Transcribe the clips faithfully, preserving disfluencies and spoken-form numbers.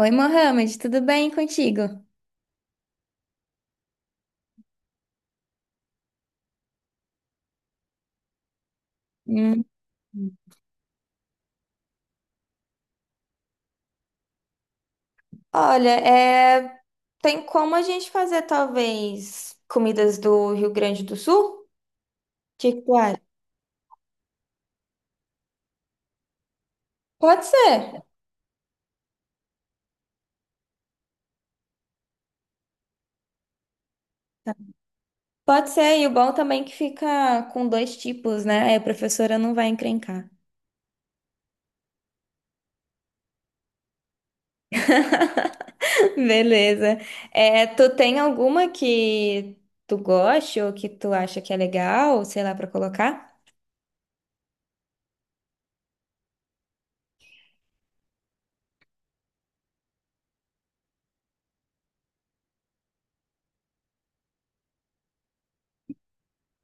Oi, Mohamed, tudo bem contigo? Hum. Olha, é, tem como a gente fazer talvez comidas do Rio Grande do Sul? O que que tu acha? Pode ser, pode ser. E o bom também é que fica com dois tipos, né? Aí a professora não vai encrencar. Beleza. É, tu tem alguma que tu goste ou que tu acha que é legal, sei lá, pra colocar?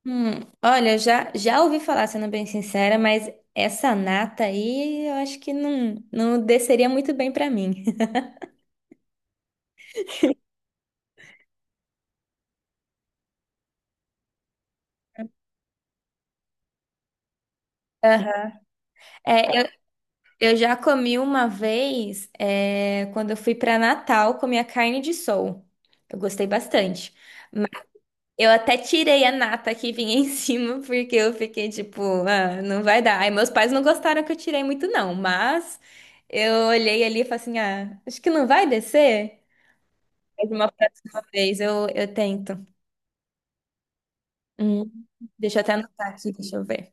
Hum, olha, já, já ouvi falar, sendo bem sincera, mas essa nata aí eu acho que não, não desceria muito bem pra mim. Aham. É, eu, eu já comi uma vez, é, quando eu fui pra Natal, comi a carne de sol. Eu gostei bastante. Eu até tirei a nata que vinha em cima, porque eu fiquei tipo, ah, não vai dar. Aí meus pais não gostaram que eu tirei muito, não, mas eu olhei ali e falei assim, ah, acho que não vai descer. Mas uma próxima vez eu, eu tento. Hum, deixa eu até anotar aqui, deixa eu ver.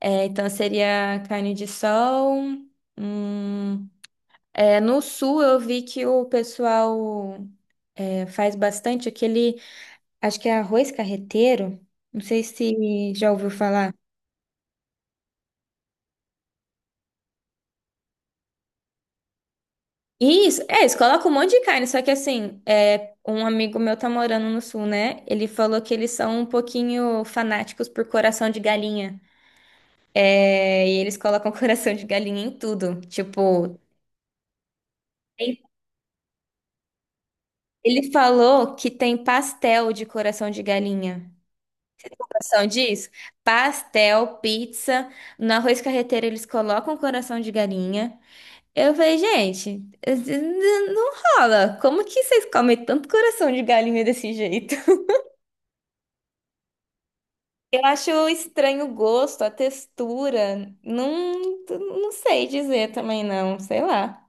É, então seria carne de sol. Hum, é, no sul eu vi que o pessoal é, faz bastante aquele, acho que é arroz carreteiro. Não sei se já ouviu falar. Isso, é, eles colocam um monte de carne, só que assim, é, um amigo meu tá morando no sul, né? Ele falou que eles são um pouquinho fanáticos por coração de galinha. É, e eles colocam coração de galinha em tudo. Tipo, ele falou que tem pastel de coração de galinha. Coração disso? Pastel, pizza. No arroz carreteiro eles colocam coração de galinha. Eu falei, gente, não rola. Como que vocês comem tanto coração de galinha desse jeito? Eu acho estranho o gosto, a textura. Não, não sei dizer também, não. Sei lá.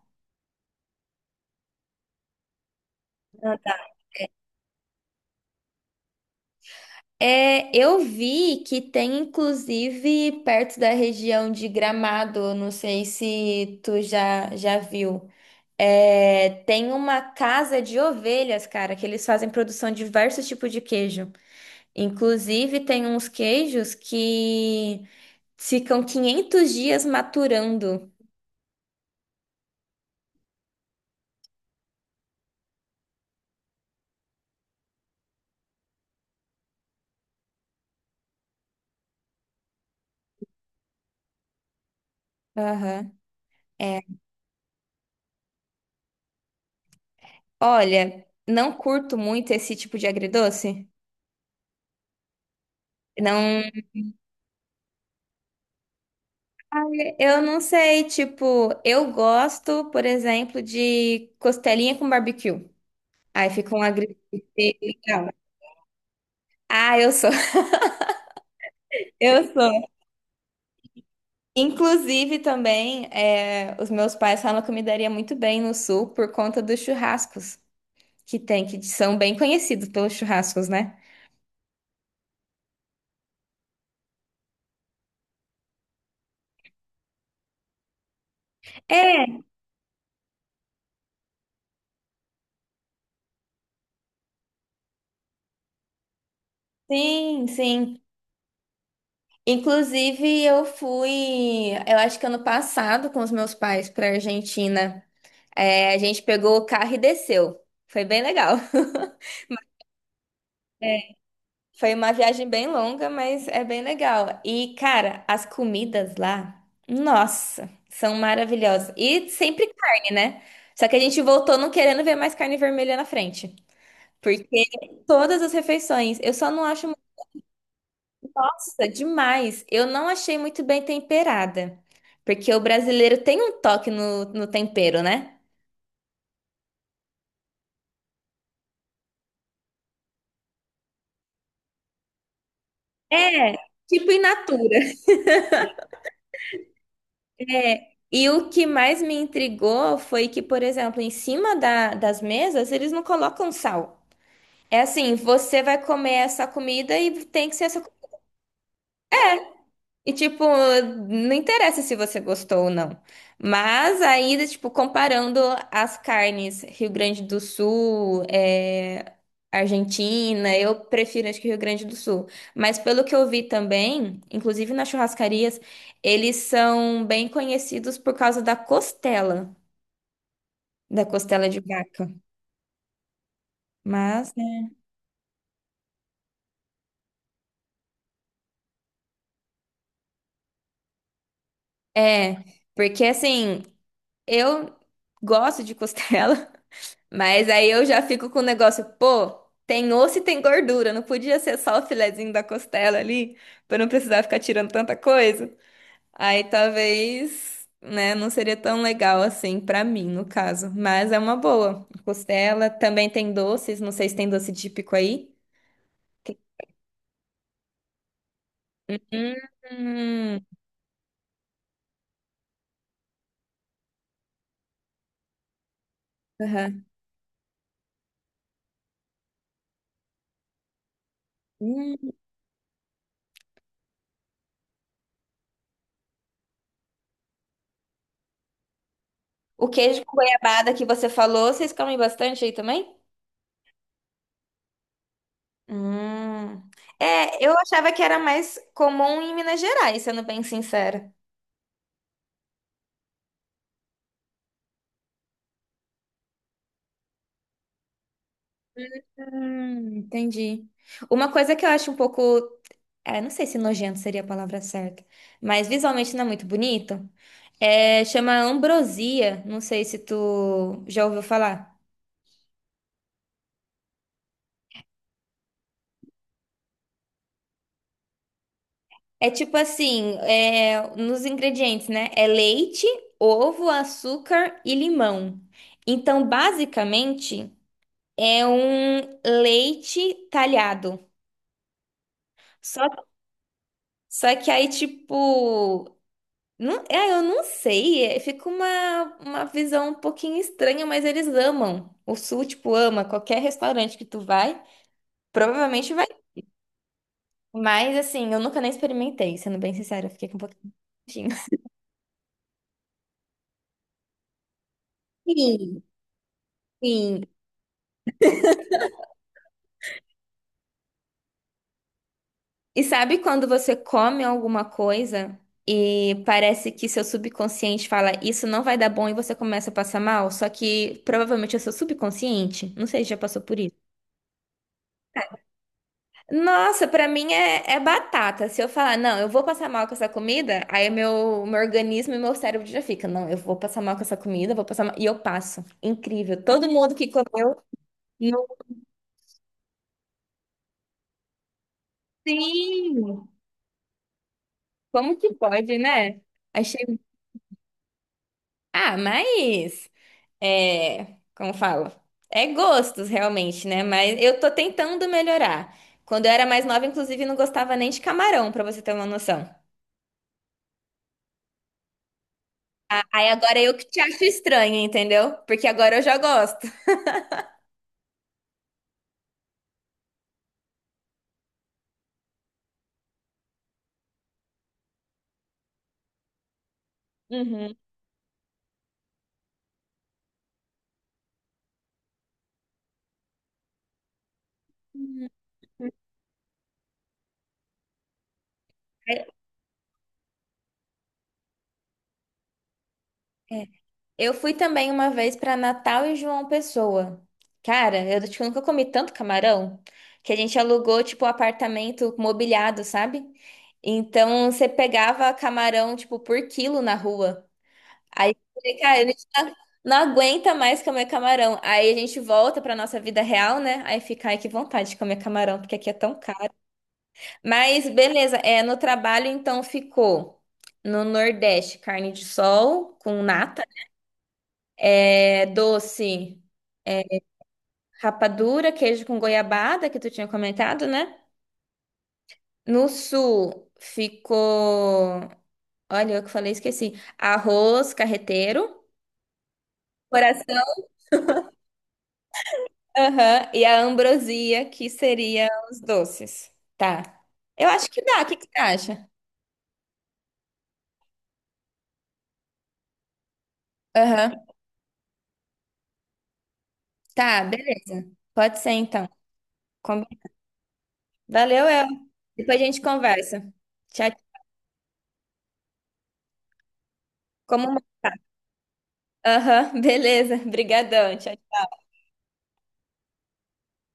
É, eu vi que tem inclusive perto da região de Gramado, não sei se tu já, já viu. É, tem uma casa de ovelhas, cara, que eles fazem produção de diversos tipos de queijo. Inclusive, tem uns queijos que ficam quinhentos dias maturando. Aham. É. Olha, não curto muito esse tipo de agridoce. Não. Eu não sei, tipo, eu gosto, por exemplo, de costelinha com barbecue. Aí fica um agridoce legal. Ah, eu sou, eu sou. Inclusive também, é, os meus pais falam que eu me daria muito bem no sul por conta dos churrascos que tem, que são bem conhecidos pelos churrascos, né? É, sim, sim. Inclusive, eu fui, eu acho que ano passado com os meus pais para Argentina. É, a gente pegou o carro e desceu. Foi bem legal. É. Foi uma viagem bem longa, mas é bem legal. E, cara, as comidas lá, nossa, são maravilhosas. E sempre carne, né? Só que a gente voltou não querendo ver mais carne vermelha na frente. Porque todas as refeições, eu só não acho, nossa, demais. Eu não achei muito bem temperada. Porque o brasileiro tem um toque no, no tempero, né? É, tipo in natura. É, e o que mais me intrigou foi que, por exemplo, em cima da- das mesas, eles não colocam sal. É assim, você vai comer essa comida e tem que ser essa. Co- e, tipo, não interessa se você gostou ou não. Mas ainda, tipo, comparando as carnes, Rio Grande do Sul, é, Argentina, eu prefiro, acho que Rio Grande do Sul. Mas pelo que eu vi também, inclusive nas churrascarias, eles são bem conhecidos por causa da costela. Da costela de vaca. Mas, né? É, porque assim, eu gosto de costela, mas aí eu já fico com o negócio, pô, tem osso e tem gordura, não podia ser só o filezinho da costela ali, pra não precisar ficar tirando tanta coisa. Aí talvez, né, não seria tão legal assim pra mim, no caso. Mas é uma boa. Costela também tem doces, não sei se tem doce típico aí. Que- hum, aham. Hum. O queijo com goiabada que você falou, vocês comem bastante aí também? Hum. É, eu achava que era mais comum em Minas Gerais, sendo bem sincera. Hum, entendi. Uma coisa que eu acho um pouco. É, não sei se nojento seria a palavra certa, mas visualmente não é muito bonito. É, chama ambrosia. Não sei se tu já ouviu falar. É tipo assim, é, nos ingredientes, né? É leite, ovo, açúcar e limão. Então, basicamente, é um leite talhado. Só, só que aí, tipo, não, é, eu não sei, é, fica uma, uma visão um pouquinho estranha, mas eles amam. O Sul, tipo, ama qualquer restaurante que tu vai, provavelmente vai. Mas assim, eu nunca nem experimentei, sendo bem sincera, eu fiquei com um pouquinho. Sim, sim. E sabe quando você come alguma coisa e parece que seu subconsciente fala isso não vai dar bom e você começa a passar mal? Só que provavelmente é seu subconsciente. Não sei se já passou por isso. Nossa, pra mim é, é batata. Se eu falar, não, eu vou passar mal com essa comida, aí meu, meu organismo e meu cérebro já fica, não, eu vou passar mal com essa comida, vou passar mal. E eu passo. Incrível. Todo mundo que comeu. Não- sim! Como que pode, né? Achei. Ah, mas. É, como falo? É gostos, realmente, né? Mas eu tô tentando melhorar. Quando eu era mais nova, inclusive, não gostava nem de camarão, pra você ter uma noção. Aí agora eu que te acho estranha, entendeu? Porque agora eu já gosto. Uhum. É. É. Eu fui também uma vez pra Natal e João Pessoa. Cara, eu tipo, nunca comi tanto camarão que a gente alugou tipo um apartamento mobiliado, sabe? Então você pegava camarão tipo por quilo na rua. Aí, eu falei, cara, a gente tá- não aguenta mais comer camarão. Aí a gente volta pra nossa vida real, né? Aí fica, ai, que vontade de comer camarão, porque aqui é tão caro. Mas beleza, é, no trabalho então ficou no Nordeste, carne de sol com nata, é doce, é, rapadura, queijo com goiabada, que tu tinha comentado, né? No Sul ficou, olha, eu que falei, esqueci. Arroz carreteiro, aham, e a ambrosia, que seria os doces. Tá. Eu acho que dá, o que que você acha? Aham, tá, beleza. Pode ser então. Combi- valeu, El. Depois a gente conversa. Tchau. Como... Aham, beleza. Obrigadão. Tchau.